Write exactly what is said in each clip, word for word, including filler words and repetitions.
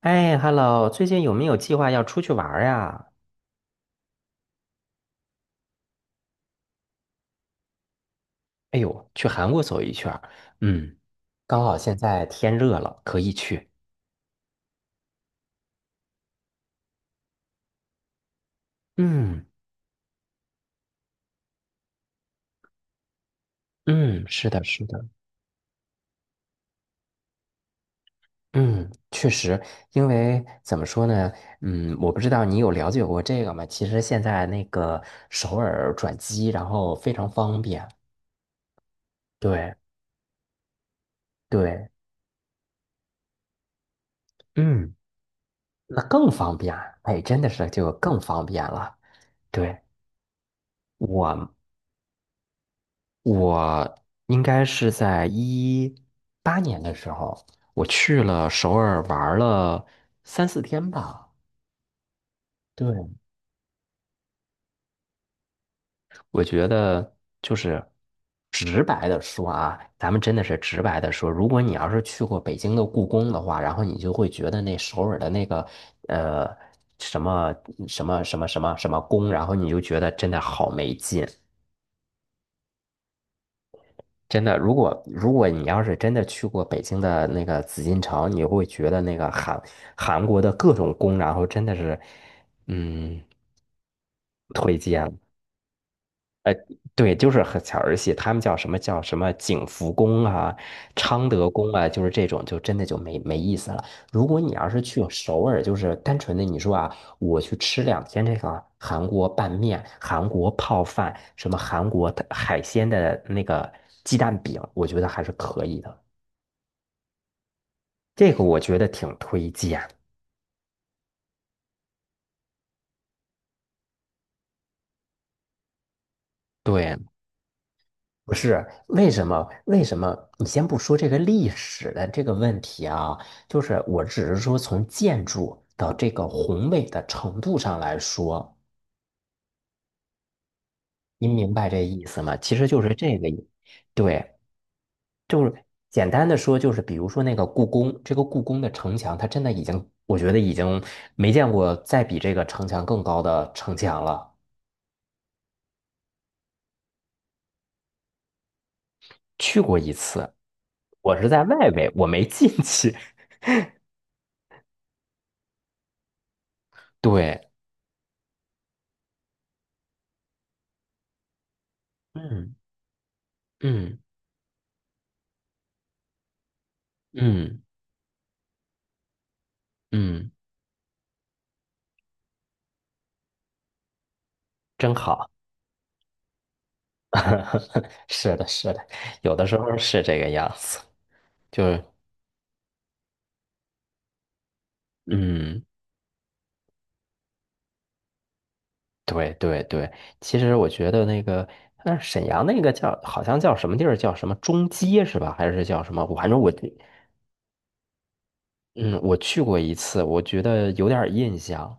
哎，Hello，最近有没有计划要出去玩儿呀？哎呦，去韩国走一圈儿。嗯，刚好现在天热了，可以去。嗯嗯，是的，是的。嗯，确实，因为怎么说呢？嗯，我不知道你有了解过这个吗？其实现在那个首尔转机，然后非常方便。对对，嗯，那更方便。哎，真的是就更方便了。对，我我应该是在一八年的时候，我去了首尔玩了三四天吧。对，我觉得就是直白的说啊，咱们真的是直白的说，如果你要是去过北京的故宫的话，然后你就会觉得那首尔的那个呃什么什么什么什么什么宫，然后你就觉得真的好没劲。真的，如果如果你要是真的去过北京的那个紫禁城，你会觉得那个韩韩国的各种宫，然后真的是，嗯，对，就是很小儿戏，他们叫什么叫什么景福宫啊、昌德宫啊，就是这种，就真的就没没意思了。如果你要是去首尔，就是单纯的你说啊，我去吃两天这个韩国拌面、韩国泡饭、什么韩国的海鲜的那个鸡蛋饼，我觉得还是可以的。这个我觉得挺推荐。对，不是，为什么？为什么？你先不说这个历史的这个问题啊，就是我只是说从建筑的这个宏伟的程度上来说，您明白这意思吗？其实就是这个意，对，就是简单的说，就是比如说那个故宫，这个故宫的城墙，它真的已经，我觉得已经没见过再比这个城墙更高的城墙了。去过一次，我是在外围，我没进去。对，嗯嗯嗯嗯，真好。是的，是的，有的时候是这个样子，就是嗯，对对对。其实我觉得那个，但是沈阳那个叫好像叫什么地儿，叫什么中街是吧？还是叫什么？我反正我嗯，我去过一次，我觉得有点儿印象。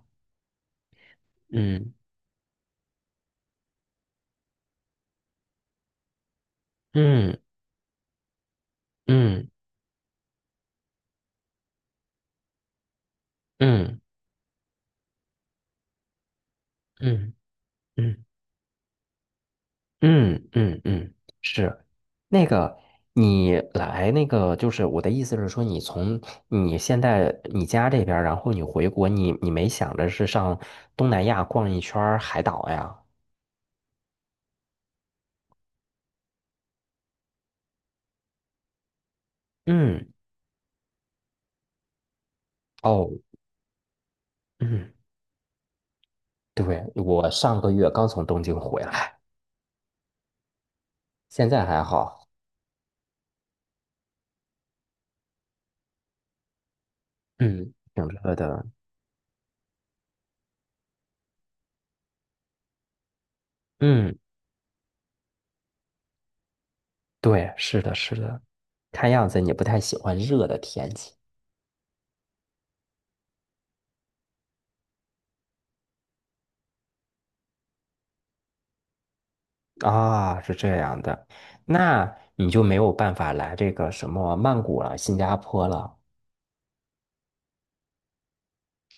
嗯嗯嗯嗯嗯嗯。嗯嗯嗯嗯，是那个，你来那个，就是我的意思是说，你从你现在你家这边儿然后你回国，你你没想着是上东南亚逛一圈儿海岛呀？嗯，哦，嗯，对，我上个月刚从东京回来，现在还好，嗯，挺热的，嗯，对，是的，是的，看样子你不太喜欢热的天气。啊，是这样的，那你就没有办法来这个什么曼谷了、新加坡了。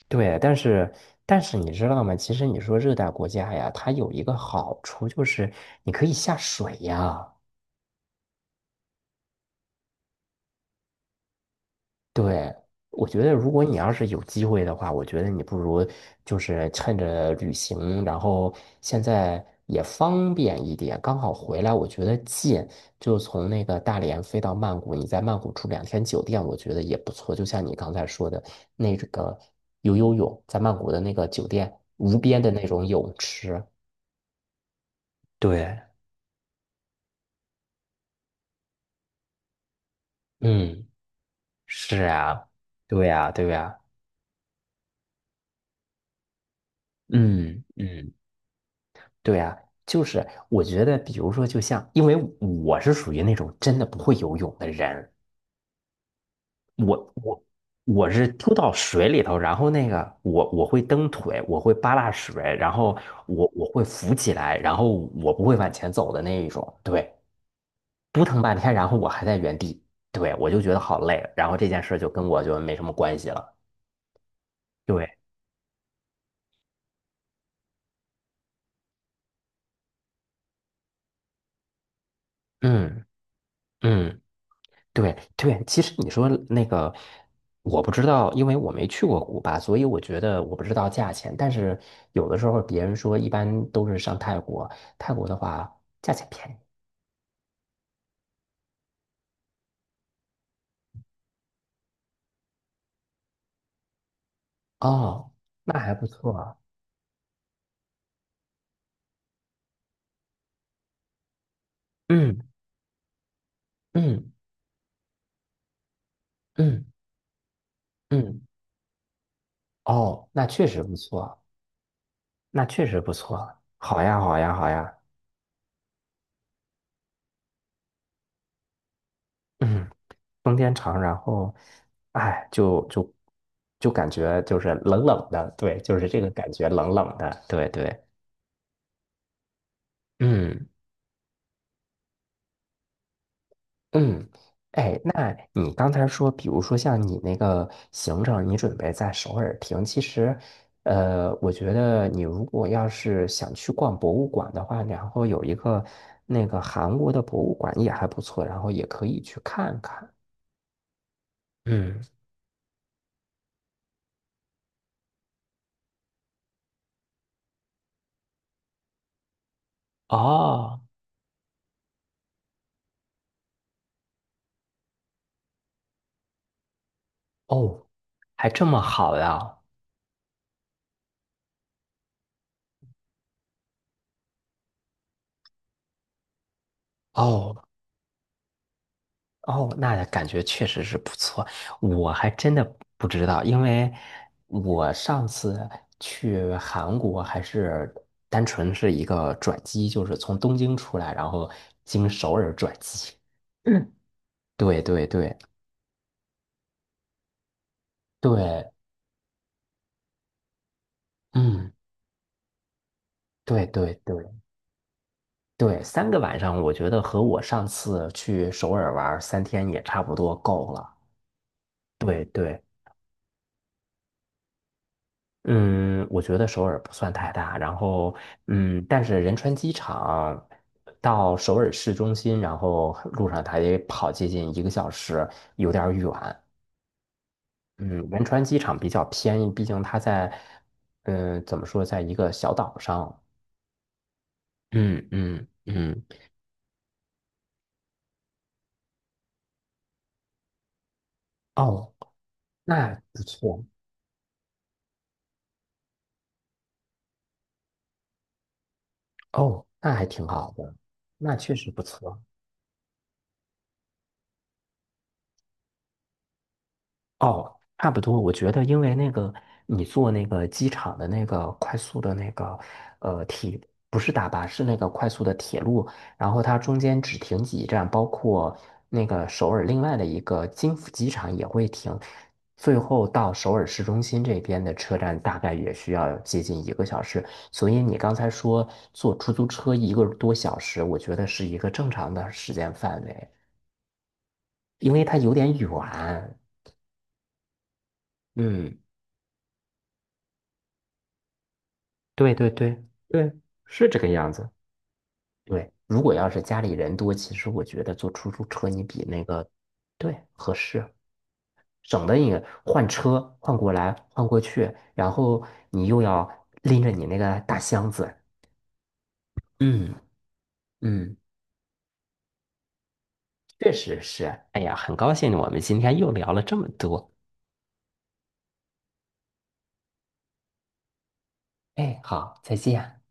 对，但是但是你知道吗？其实你说热带国家呀，它有一个好处就是你可以下水呀。对，我觉得如果你要是有机会的话，我觉得你不如就是趁着旅行，然后现在也方便一点，刚好回来，我觉得近，就从那个大连飞到曼谷，你在曼谷住两天酒店，我觉得也不错。就像你刚才说的那个游游泳，在曼谷的那个酒店无边的那种泳池，对，嗯，是啊，对呀，对呀，嗯嗯。对呀，就是我觉得，比如说，就像，因为我是属于那种真的不会游泳的人，我我我是丢到水里头，然后那个我我会蹬腿，我会扒拉水，然后我我会浮起来，然后我不会往前走的那一种，对，扑腾半天，然后我还在原地，对，我就觉得好累，然后这件事就跟我就没什么关系了，对，嗯嗯。对对，其实你说那个，我不知道，因为我没去过古巴，所以我觉得我不知道价钱。但是有的时候别人说，一般都是上泰国，泰国的话价钱便宜哦，那还不错啊嗯嗯嗯嗯，哦，那确实不错，那确实不错。好呀好呀好呀，嗯，冬天长，然后，哎，就就就感觉就是冷冷的，对，就是这个感觉冷冷的，对对。嗯。嗯，哎，那你刚才说，比如说像你那个行程，你准备在首尔停，其实，呃，我觉得你如果要是想去逛博物馆的话，然后有一个那个韩国的博物馆也还不错，然后也可以去看看。嗯，哦哦，还这么好呀？哦，哦，那感觉确实是不错，我还真的不知道，因为我上次去韩国还是单纯是一个转机，就是从东京出来，然后经首尔转机。嗯对对对对，嗯，对对对对，三个晚上，我觉得和我上次去首尔玩儿三天也差不多够了。对对，嗯，我觉得首尔不算太大，然后嗯，但是仁川机场到首尔市中心，然后路上它也跑接近一个小时，有点儿远。嗯，仁川机场比较偏，毕竟它在嗯，怎么说，在一个小岛上。嗯嗯嗯，哦，那不错，哦，那还挺好的，那确实不错。哦，差不多。我觉得，因为那个你坐那个机场的那个快速的那个呃铁，不是大巴，是那个快速的铁路，然后它中间只停几站，包括那个首尔另外的一个金浦机场也会停，最后到首尔市中心这边的车站大概也需要接近一个小时。所以你刚才说坐出租车一个多小时，我觉得是一个正常的时间范围，因为它有点远。嗯。对对对对，是这个样子。对，如果要是家里人多，其实我觉得坐出租车你比那个，对，合适，省得你换车换过来换过去，然后你又要拎着你那个大箱子。嗯嗯，确实是。哎呀，很高兴我们今天又聊了这么多。哎，好，再见。